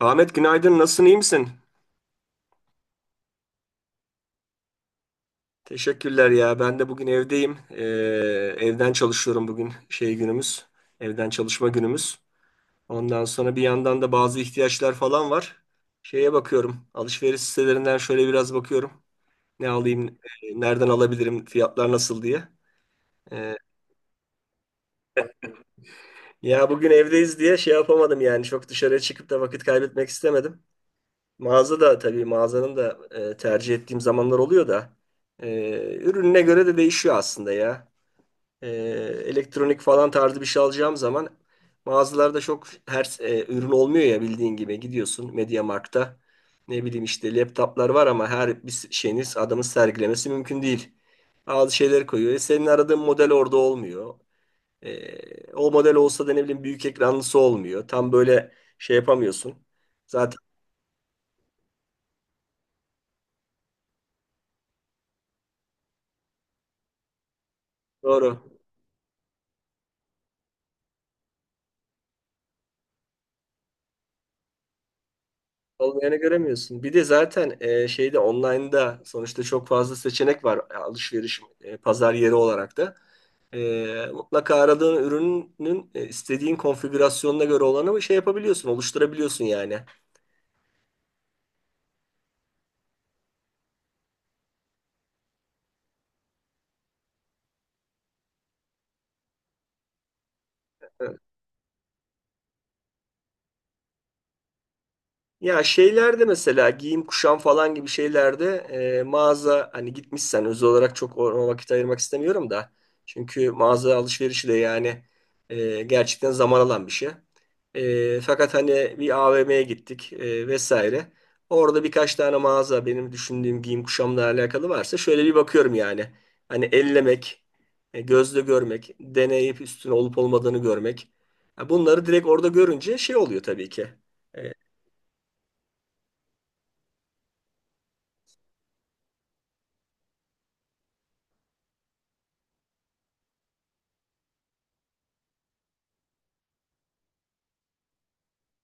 Ahmet günaydın. Nasılsın? İyi misin? Teşekkürler ya. Ben de bugün evdeyim. Evden çalışıyorum bugün. Şey günümüz. Evden çalışma günümüz. Ondan sonra bir yandan da bazı ihtiyaçlar falan var. Şeye bakıyorum. Alışveriş sitelerinden şöyle biraz bakıyorum. Ne alayım, nereden alabilirim, fiyatlar nasıl diye. Ee, ya bugün evdeyiz diye şey yapamadım yani. Çok dışarıya çıkıp da vakit kaybetmek istemedim. Mağaza da tabii, mağazanın da tercih ettiğim zamanlar oluyor da. e, ürününe göre de değişiyor aslında ya. e, elektronik falan tarzı bir şey alacağım zaman mağazalarda çok her ürün olmuyor ya. Bildiğin gibi, gidiyorsun MediaMarkt'ta, ne bileyim işte laptoplar var ama her bir şeyiniz adamın sergilemesi mümkün değil. Bazı şeyler koyuyor. Senin aradığın model orada olmuyor. O model olsa da ne bileyim büyük ekranlısı olmuyor. Tam böyle şey yapamıyorsun. Zaten doğru. Olmayanı göremiyorsun. Bir de zaten şeyde, online'da sonuçta çok fazla seçenek var, alışveriş pazar yeri olarak da. Mutlaka aradığın ürünün istediğin konfigürasyonuna göre olanı şey yapabiliyorsun, oluşturabiliyorsun yani. Ya şeylerde, mesela giyim kuşam falan gibi şeylerde, mağaza, hani gitmişsen, özel olarak çok ona vakit ayırmak istemiyorum da. Çünkü mağaza alışverişi de yani gerçekten zaman alan bir şey. Fakat hani bir AVM'ye gittik vesaire. Orada birkaç tane mağaza benim düşündüğüm giyim kuşamla alakalı varsa şöyle bir bakıyorum yani. Hani ellemek, gözle görmek, deneyip üstüne olup olmadığını görmek. Ha, bunları direkt orada görünce şey oluyor tabii ki. E,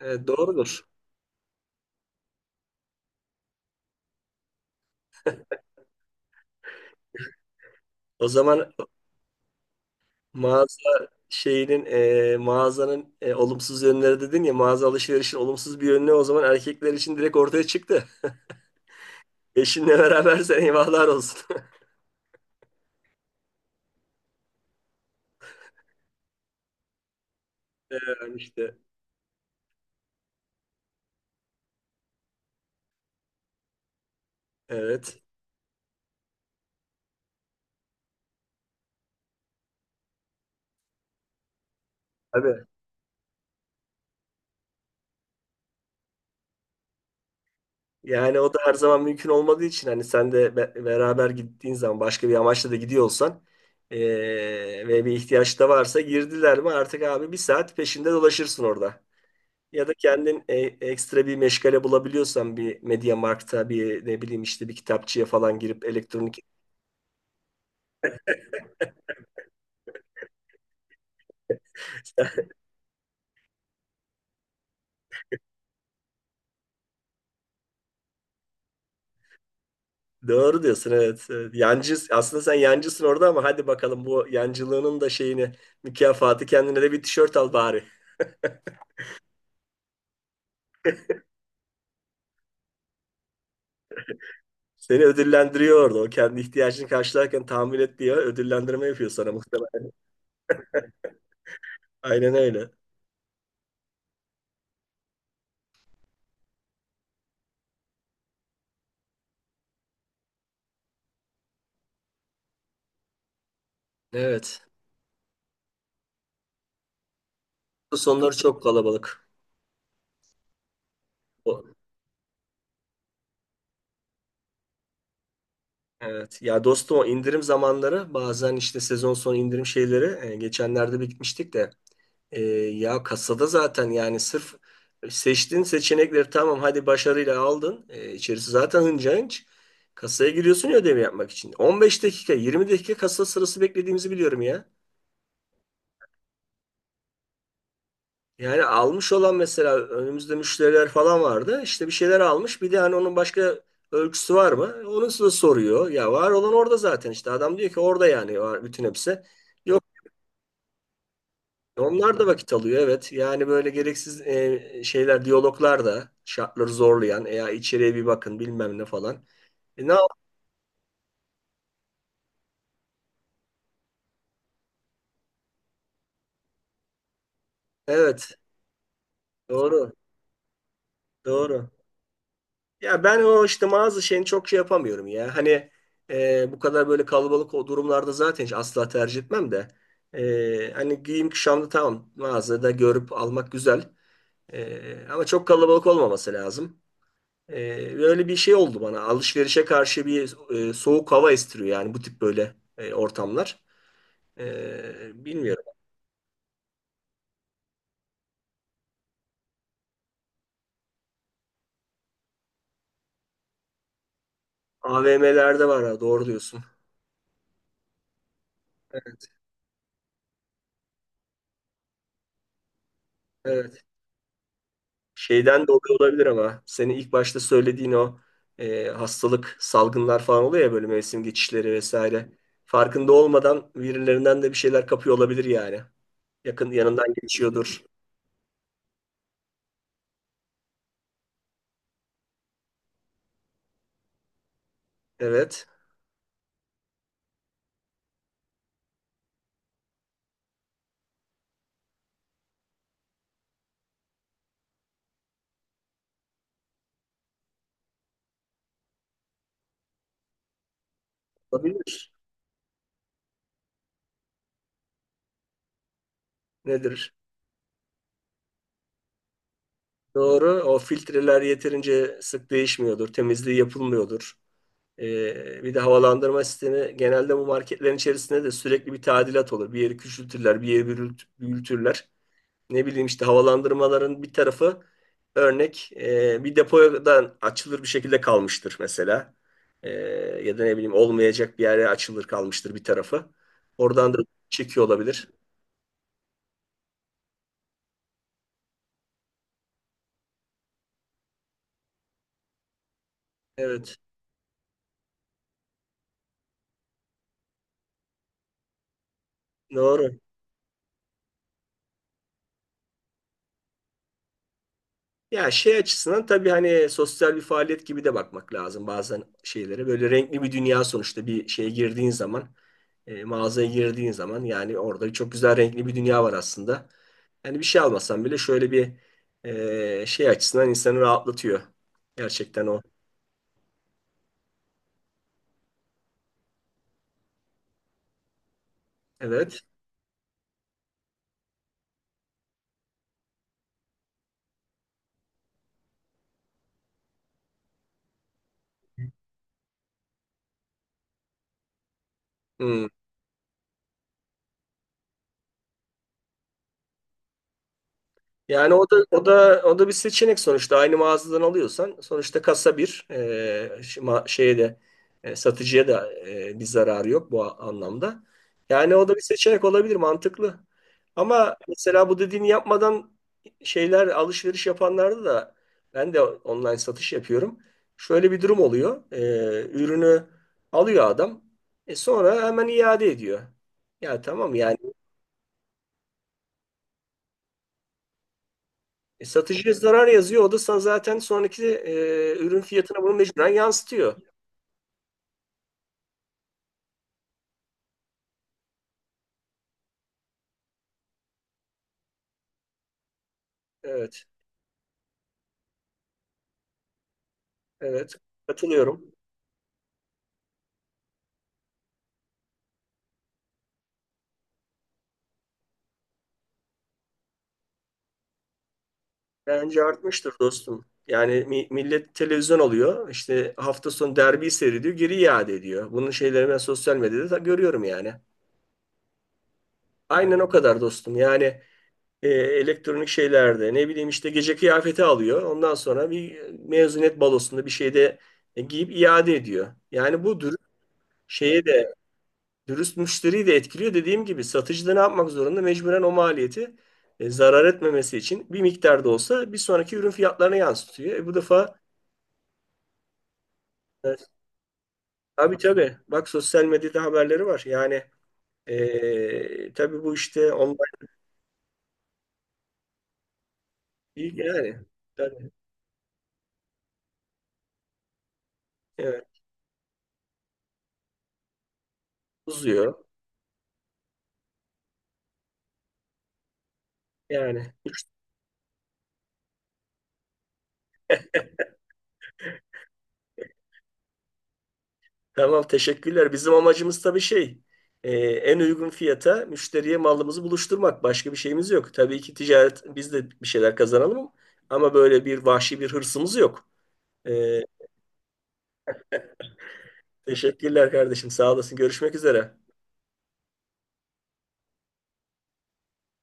Doğrudur. O zaman mağaza şeyinin, mağazanın olumsuz yönleri dedin ya, mağaza alışverişin olumsuz bir yönü o zaman erkekler için direkt ortaya çıktı. Eşinle berabersen eyvahlar olsun. Yani işte evet. Tabii. Yani o da her zaman mümkün olmadığı için, hani sen de beraber gittiğin zaman, başka bir amaçla da gidiyor olsan e, ve bir ihtiyaç da varsa, girdiler mi artık abi bir saat peşinde dolaşırsın orada. Ya da kendin ekstra bir meşgale bulabiliyorsan, bir Media Markt'a, bir ne bileyim işte bir kitapçıya falan girip elektronik. Doğru diyorsun, evet. Evet. Yancı, aslında sen yancısın orada, ama hadi bakalım, bu yancılığının da şeyini, mükafatı, kendine de bir tişört al bari. Seni ödüllendiriyor orada. O kendi ihtiyacını karşılarken tahmin et diye ödüllendirme yapıyor sana muhtemelen. Aynen öyle. Evet. Bu sonları çok kalabalık. O- Evet. Ya dostum, o indirim zamanları, bazen işte sezon sonu indirim şeyleri, geçenlerde bir gitmiştik de, ya kasada zaten, yani sırf seçtiğin seçenekleri tamam, hadi başarıyla aldın. E, içerisi zaten hınca hınç. Kasaya giriyorsun ya ödevi yapmak için. 15 dakika, 20 dakika kasa sırası beklediğimizi biliyorum ya. Yani almış olan, mesela önümüzde müşteriler falan vardı. İşte bir şeyler almış. Bir de hani onun başka ölçüsü var mı, onu size soruyor. Ya var olan orada zaten işte. Adam diyor ki orada, yani var bütün hepsi. Onlar da vakit alıyor, evet. Yani böyle gereksiz şeyler, diyaloglar da şartları zorlayan, "E ya içeriye bir bakın bilmem ne" falan. E, ne yap- Evet, doğru, doğru. Ya ben o işte bazı şeyini çok şey yapamıyorum ya. Hani bu kadar böyle kalabalık, o durumlarda zaten hiç asla tercih etmem de. Hani giyim kuşamda tamam, mağazada görüp almak güzel. Ama çok kalabalık olmaması lazım. Böyle bir şey oldu bana. Alışverişe karşı bir soğuk hava estiriyor yani bu tip böyle ortamlar. Bilmiyorum. AVM'lerde var, ha, doğru diyorsun. Evet, evet. Şeyden dolayı olabilir, ama senin ilk başta söylediğin o hastalık, salgınlar falan oluyor ya böyle, mevsim geçişleri vesaire. Farkında olmadan birilerinden de bir şeyler kapıyor olabilir yani. Yakın yanından geçiyordur. Evet. Olabilir. Nedir? Doğru. O filtreler yeterince sık değişmiyordur. Temizliği yapılmıyordur. Bir de havalandırma sistemi, genelde bu marketlerin içerisinde de sürekli bir tadilat olur. Bir yeri küçültürler, bir yeri büyütürler. Ne bileyim işte, havalandırmaların bir tarafı örnek, bir depodan açılır bir şekilde kalmıştır mesela. Ee, ya da ne bileyim, olmayacak bir yere açılır kalmıştır bir tarafı. Oradan da çekiyor olabilir. Evet. Doğru. Ya şey açısından tabii, hani sosyal bir faaliyet gibi de bakmak lazım bazen şeylere. Böyle renkli bir dünya sonuçta, bir şeye girdiğin zaman, mağazaya girdiğin zaman yani, orada çok güzel renkli bir dünya var aslında. Yani bir şey almasan bile şöyle bir şey açısından insanı rahatlatıyor. Gerçekten o. Evet. Hmm. Yani o da bir seçenek sonuçta. Aynı mağazadan alıyorsan sonuçta kasa bir şeye de, satıcıya da bir zararı yok bu anlamda. Yani o da bir seçenek olabilir, mantıklı. Ama mesela bu dediğini yapmadan şeyler alışveriş yapanlarda da, ben de online satış yapıyorum. Şöyle bir durum oluyor. Ürünü alıyor adam. Sonra hemen iade ediyor. Ya tamam yani. Satıcıya zarar yazıyor. O da zaten sonraki ürün fiyatına bunu mecburen yansıtıyor. Evet, evet. Katılıyorum. Bence artmıştır dostum. Yani millet televizyon alıyor. İşte hafta sonu derbi seyrediyor. Geri iade ediyor. Bunun şeyleri ben sosyal medyada da görüyorum yani. Aynen o kadar dostum. Yani elektronik şeylerde ne bileyim işte gece kıyafeti alıyor. Ondan sonra bir mezuniyet balosunda bir şeyde giyip iade ediyor. Yani bu dürüst şeye de dürüst müşteriyi de etkiliyor. Dediğim gibi, satıcı da ne yapmak zorunda? Mecburen o maliyeti, zarar etmemesi için bir miktar da olsa bir sonraki ürün fiyatlarına yansıtıyor. Bu defa evet. Tabii, tabii. Bak, sosyal medyada haberleri var. Yani tabii bu işte online değil yani. Tabii, evet. Uzuyor. Yani. Tamam, teşekkürler. Bizim amacımız tabii şey, en uygun fiyata müşteriye malımızı buluşturmak. Başka bir şeyimiz yok. Tabii ki ticaret, biz de bir şeyler kazanalım, ama böyle bir vahşi bir hırsımız yok. E, teşekkürler kardeşim. Sağ olasın. Görüşmek üzere.